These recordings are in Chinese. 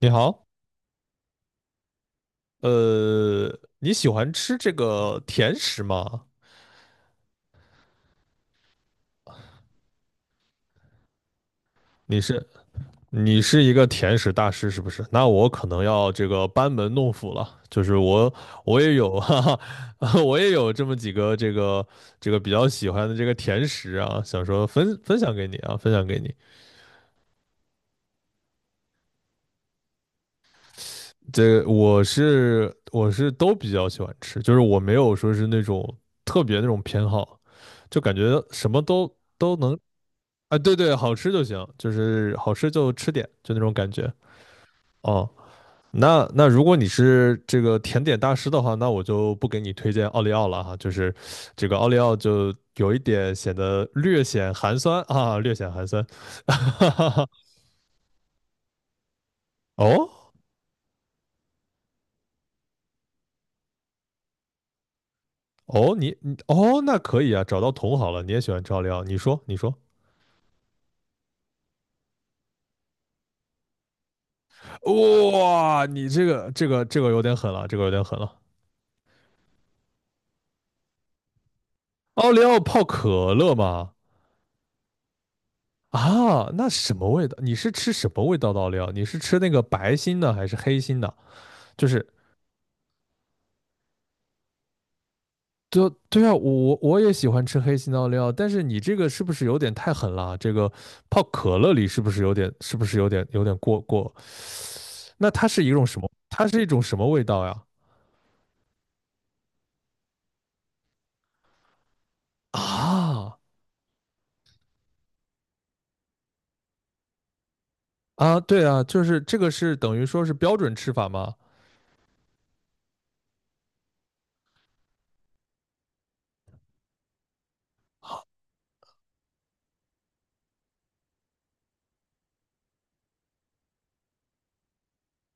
你好，呃，你喜欢吃这个甜食吗？你是你是一个甜食大师是不是？那我可能要这个班门弄斧了，就是我也有 哈哈，我也有这么几个这个这个比较喜欢的这个甜食啊，想说分享给你。这我是我是都比较喜欢吃，就是我没有说是那种特别那种偏好，就感觉什么都能。啊，对对，好吃就行，就是好吃就吃点，就那种感觉。哦，那如果你是这个甜点大师的话，那我就不给你推荐奥利奥了哈，就是这个奥利奥就有一点显得略显寒酸啊，略显寒酸。哈哈，哦哦，你你哦，那可以啊，找到同好了，你也喜欢吃奥利奥，你说，哇，你这个有点狠了，这个有点狠了。奥利奥泡可乐吗？啊，那什么味道？你是吃什么味道的奥？你是吃那个白心的还是黑心的？就是，对对啊，我我也喜欢吃黑心的奥，但是你这个是不是有点太狠了啊？这个泡可乐里是不是有点，是不是有点过？那它是一种什么？它是一种什么味道呀？啊啊，对啊，就是这个是等于说是标准吃法吗？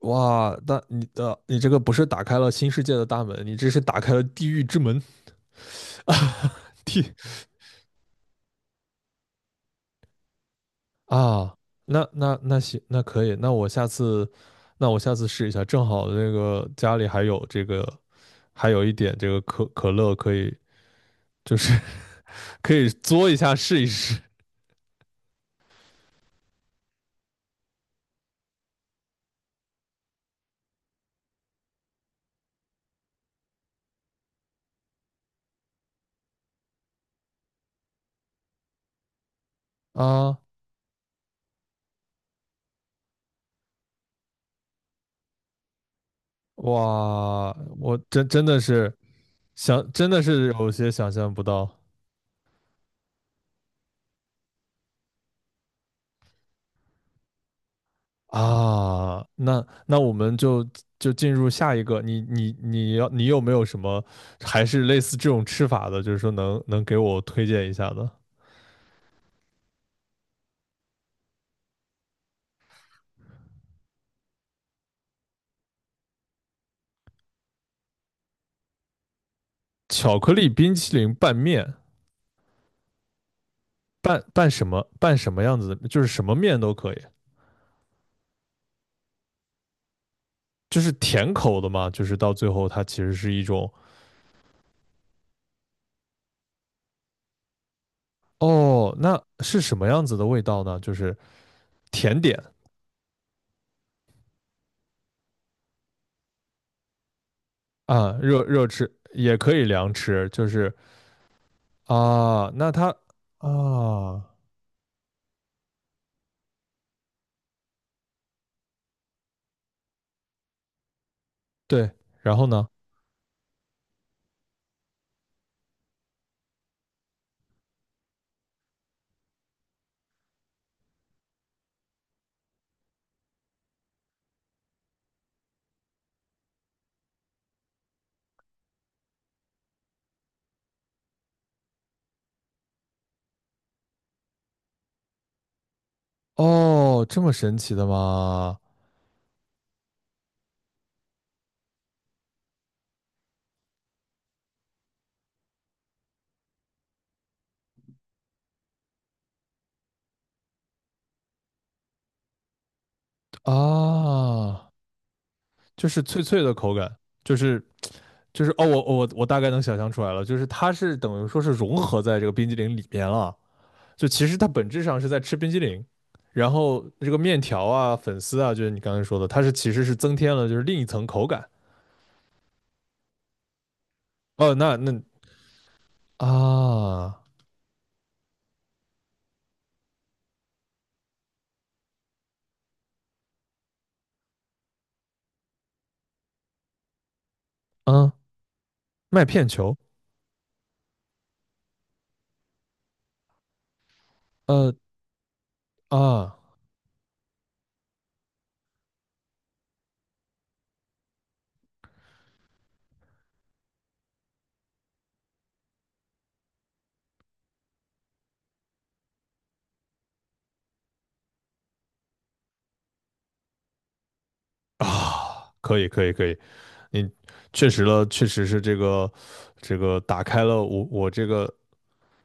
哇，那你的、你这个不是打开了新世界的大门，你这是打开了地狱之门啊！地啊，那行，那可以，那我下次试一下，正好这个家里还有这个，还有一点这个可乐，可以就是 可以嘬一下试一试啊！哇，我真的是想，真的是有些想象不到啊！那那我们就就进入下一个，你有没有什么还是类似这种吃法的，就是说能能给我推荐一下的？巧克力冰淇淋拌面。拌什么样子的，就是什么面都可以，就是甜口的嘛，就是到最后它其实是一种。哦，那是什么样子的味道呢？就是甜点啊，热吃也可以凉吃，就是啊，那它啊，对，然后呢？哦，这么神奇的吗？啊，就是脆脆的口感，就是就是哦，我大概能想象出来了，就是它是等于说是融合在这个冰激凌里面了。就其实它本质上是在吃冰激凌，然后这个面条啊、粉丝啊，就是你刚才说的，它是其实是增添了就是另一层口感。哦，那那啊啊，麦片球，呃啊，可以可以可以，你确实了，确实是这个这个打开了我这个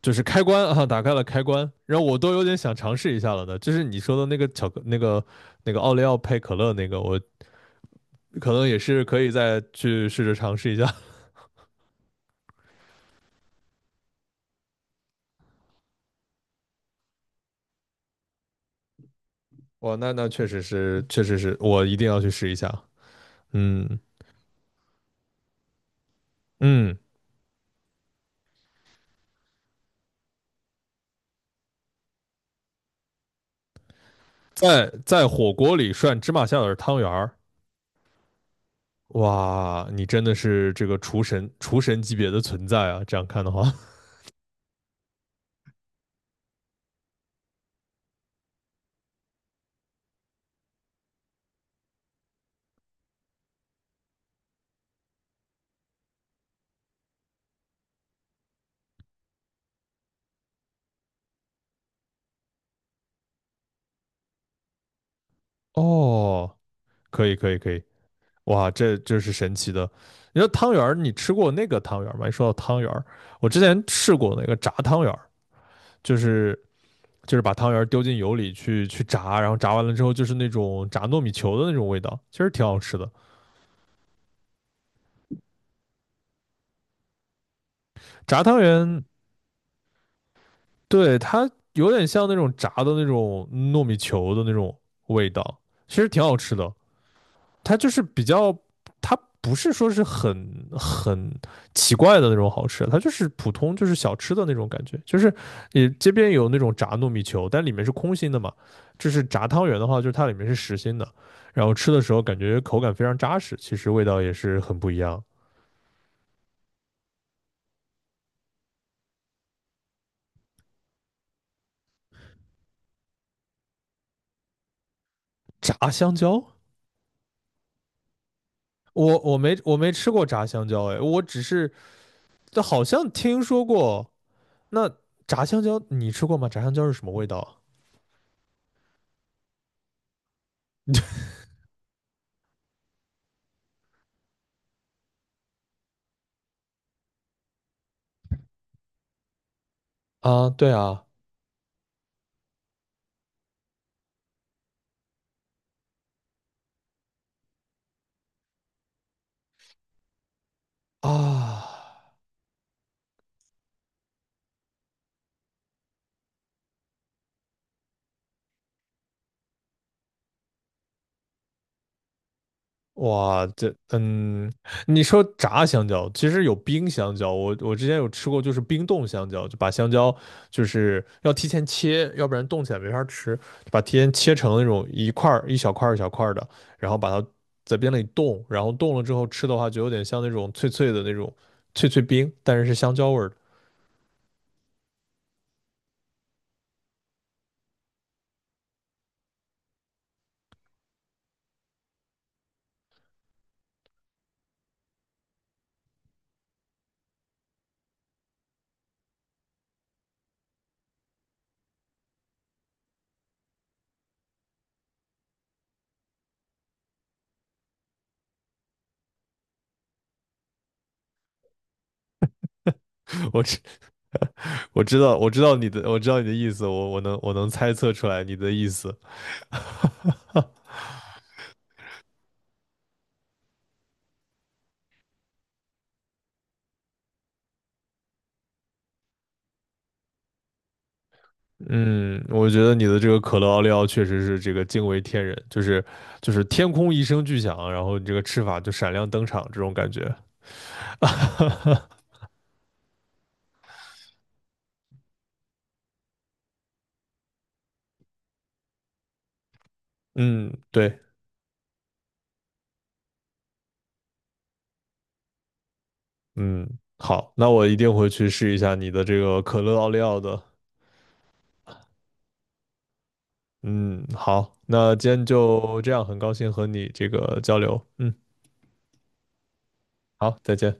就是开关啊，打开了开关，让我都有点想尝试一下了的。就是你说的那个巧克那个那个奥利奥配可乐那个，我可能也是可以再去试着尝试一下。哇，那那确实是，确实是我一定要去试一下。嗯嗯，在火锅里涮芝麻馅的汤圆儿，哇，你真的是这个厨神级别的存在啊！这样看的话，哦，可以可以可以，哇，这这是神奇的。你说汤圆儿，你吃过那个汤圆儿吗？一说到汤圆儿，我之前试过那个炸汤圆儿，就是就是把汤圆儿丢进油里去炸，然后炸完了之后就是那种炸糯米球的那种味道，其实挺好吃的。炸汤圆。对，它有点像那种炸的那种糯米球的那种味道，其实挺好吃的。它就是比较，它不是说是很奇怪的那种好吃，它就是普通就是小吃的那种感觉。就是你街边有那种炸糯米球，但里面是空心的嘛。就是炸汤圆的话，就是它里面是实心的，然后吃的时候感觉口感非常扎实，其实味道也是很不一样。炸香蕉，我没吃过炸香蕉，哎，我只是好像听说过。那炸香蕉你吃过吗？炸香蕉是什么味道啊？啊对啊，啊，哇，这，嗯，你说炸香蕉，其实有冰香蕉，我之前有吃过，就是冰冻香蕉，就把香蕉就是要提前切，要不然冻起来没法吃，就把提前切成那种一块儿一小块儿一小块儿的，然后把它在冰箱里冻，然后冻了之后吃的话，就有点像那种脆脆的那种脆脆冰，但是是香蕉味儿的。我知 我知道我知道你的意思，我能猜测出来你的意思。嗯，我觉得你的这个可乐奥利奥确实是这个惊为天人，就是天空一声巨响，然后你这个吃法就闪亮登场这种感觉。嗯，对，嗯，好，那我一定会去试一下你的这个可乐奥利奥的。嗯，好，那今天就这样，很高兴和你这个交流。嗯，好，再见。